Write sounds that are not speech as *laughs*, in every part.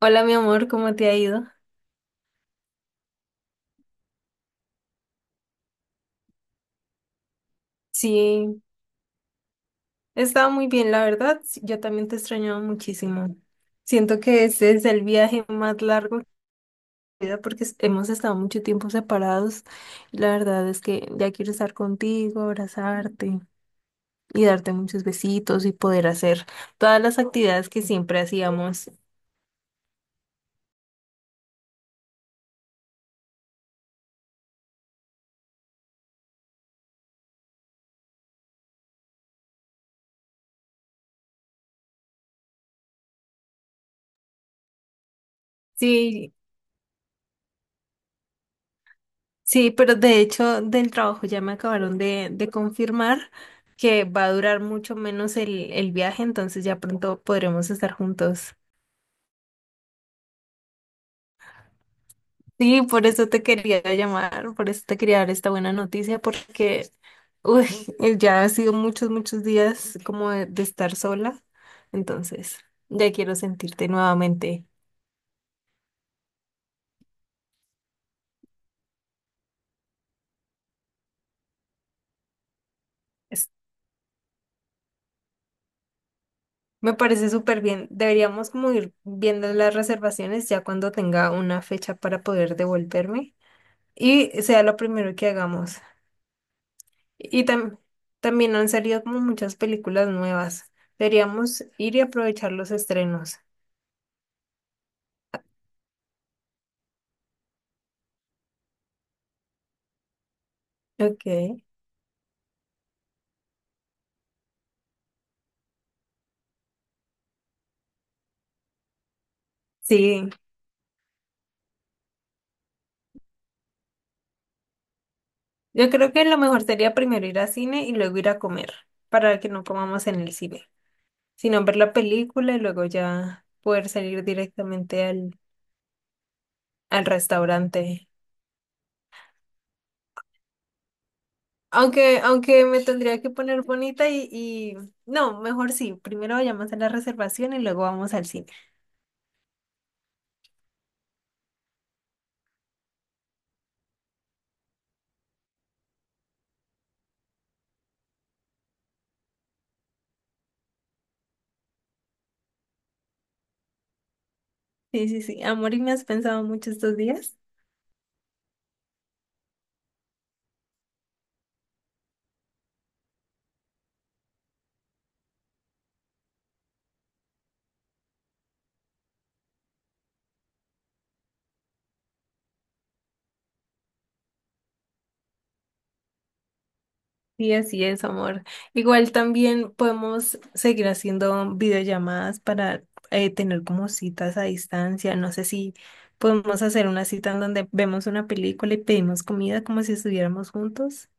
Hola, mi amor, ¿cómo te ha ido? Sí, he estado muy bien, la verdad. Sí, yo también te extrañaba muchísimo. Siento que este es el viaje más largo de mi vida porque hemos estado mucho tiempo separados. La verdad es que ya quiero estar contigo, abrazarte y darte muchos besitos y poder hacer todas las actividades que siempre hacíamos. Sí, sí, pero de hecho del trabajo ya me acabaron de confirmar que va a durar mucho menos el viaje, entonces ya pronto podremos estar juntos. Sí, por eso te quería llamar, por eso te quería dar esta buena noticia, porque uy, ya ha sido muchos, muchos días como de estar sola, entonces ya quiero sentirte nuevamente. Es- Me parece súper bien. Deberíamos como ir viendo las reservaciones ya cuando tenga una fecha para poder devolverme, y sea lo primero que hagamos. Y tam- También han salido como muchas películas nuevas. Deberíamos ir y aprovechar los estrenos. Ok. Sí, yo creo que lo mejor sería primero ir al cine y luego ir a comer, para que no comamos en el cine, sino ver la película y luego ya poder salir directamente al restaurante. Aunque me tendría que poner bonita y no, mejor sí, primero vayamos a la reservación y luego vamos al cine. Sí, sí, sí. Amor, ¿y me has pensado mucho estos días? Sí, así es, amor. Igual también podemos seguir haciendo videollamadas para tener como citas a distancia. No sé si podemos hacer una cita en donde vemos una película y pedimos comida como si estuviéramos juntos.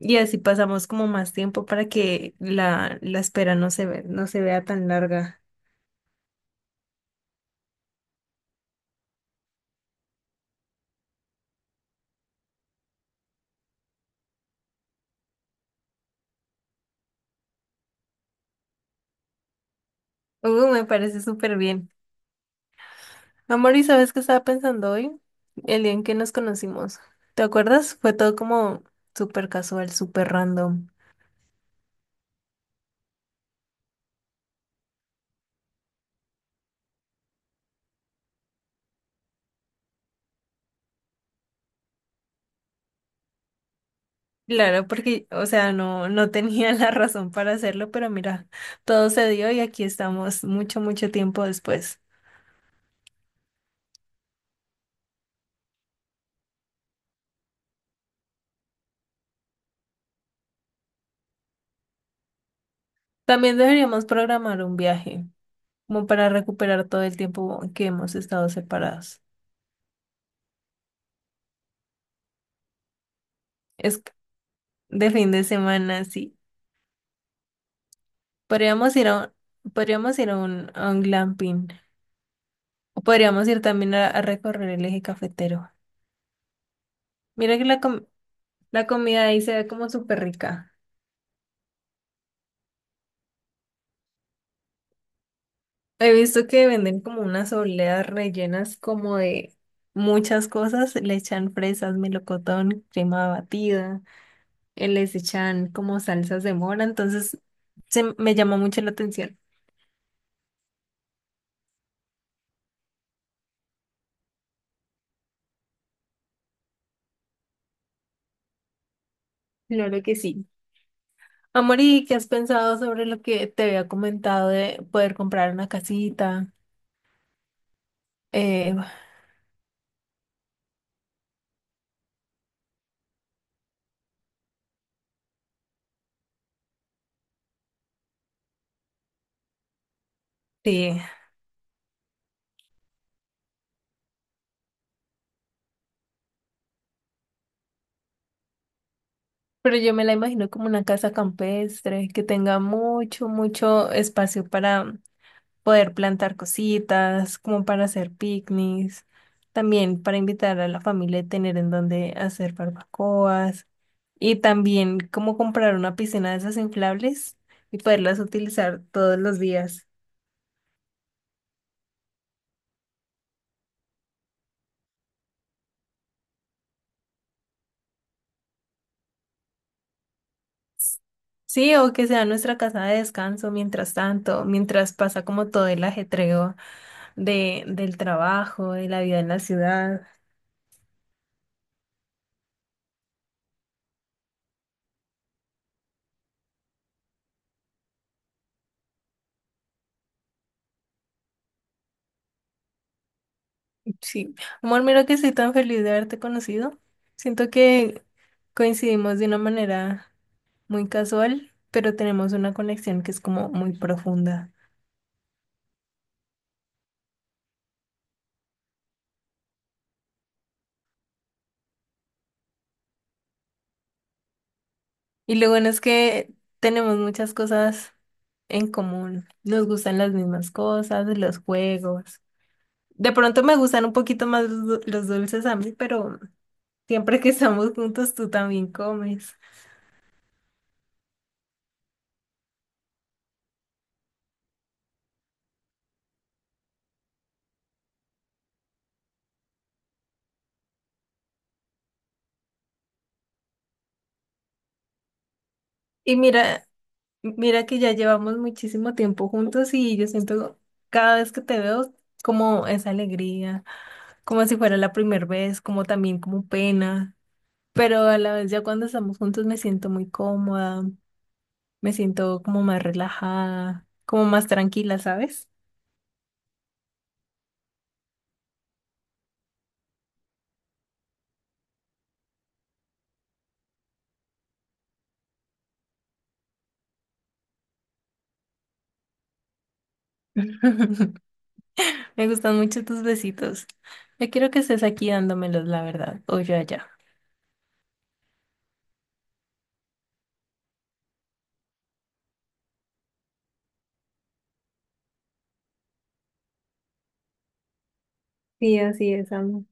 Y así pasamos como más tiempo para que la espera no se vea tan larga. Me parece súper bien. Amor, ¿y sabes qué estaba pensando hoy? El día en que nos conocimos. ¿Te acuerdas? Fue todo como súper casual, súper random. Claro, porque, o sea, no tenía *laughs* la razón para hacerlo, pero mira, todo se dio y aquí estamos mucho, mucho tiempo después. También deberíamos programar un viaje, como para recuperar todo el tiempo que hemos estado separados. Es que de fin de semana, sí. Podríamos ir a, podríamos ir a a un glamping. O podríamos ir también a recorrer el eje cafetero. Mira que la comida ahí se ve como súper rica. He visto que venden como unas obleas rellenas como de muchas cosas. Le echan fresas, melocotón, crema batida, les echan como salsas de mora. Entonces, me llamó mucho la atención. Claro que sí. Amor, ¿y qué has pensado sobre lo que te había comentado de poder comprar una casita? Eh, sí, pero yo me la imagino como una casa campestre que tenga mucho, mucho espacio para poder plantar cositas, como para hacer picnics, también para invitar a la familia y tener en donde hacer barbacoas, y también como comprar una piscina de esas inflables y poderlas utilizar todos los días. Sí, o que sea nuestra casa de descanso mientras tanto, mientras pasa como todo el ajetreo del trabajo, de la vida en la ciudad. Sí, amor, mira que estoy tan feliz de haberte conocido. Siento que coincidimos de una manera muy casual, pero tenemos una conexión que es como muy profunda. Y lo bueno es que tenemos muchas cosas en común. Nos gustan las mismas cosas, los juegos. De pronto me gustan un poquito más los dulces a mí, pero siempre que estamos juntos tú también comes. Y mira, mira que ya llevamos muchísimo tiempo juntos y yo siento cada vez que te veo como esa alegría, como si fuera la primera vez, como también como pena. Pero a la vez ya cuando estamos juntos me siento muy cómoda, me siento como más relajada, como más tranquila, ¿sabes? *laughs* Me gustan mucho tus besitos. Yo quiero que estés aquí dándomelos, la verdad, o yo allá. Sí, así es, amor.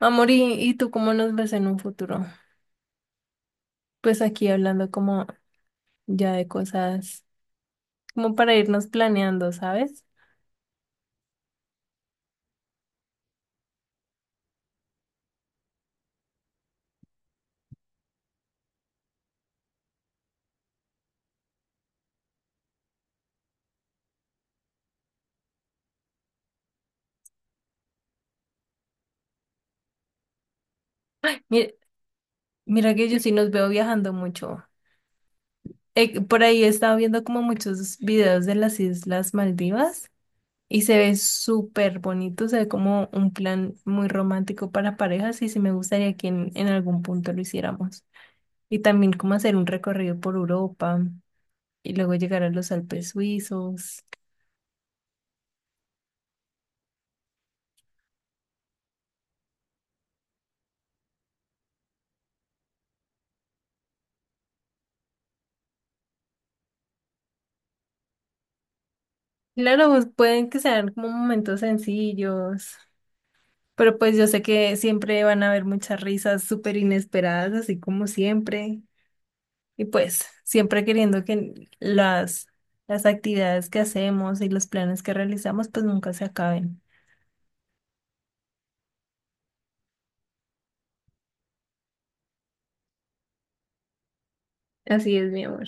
Amor, ¿ y tú cómo nos ves en un futuro? Pues aquí hablando como ya de cosas, como para irnos planeando, ¿sabes? Mira, mira que yo sí nos veo viajando mucho. Por ahí he estado viendo como muchos videos de las Islas Maldivas. Y se ve súper bonito, se ve como un plan muy romántico para parejas y sí me gustaría que en algún punto lo hiciéramos. Y también como hacer un recorrido por Europa y luego llegar a los Alpes suizos. Claro, pues, pueden que sean como momentos sencillos, pero pues yo sé que siempre van a haber muchas risas súper inesperadas, así como siempre. Y pues siempre queriendo que las actividades que hacemos y los planes que realizamos pues nunca se acaben. Así es, mi amor.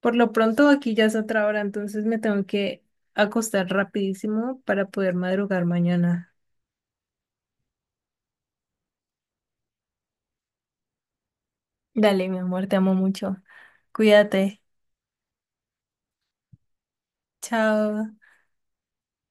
Por lo pronto aquí ya es otra hora, entonces me tengo que acostar rapidísimo para poder madrugar mañana. Dale, mi amor, te amo mucho. Cuídate. Chao.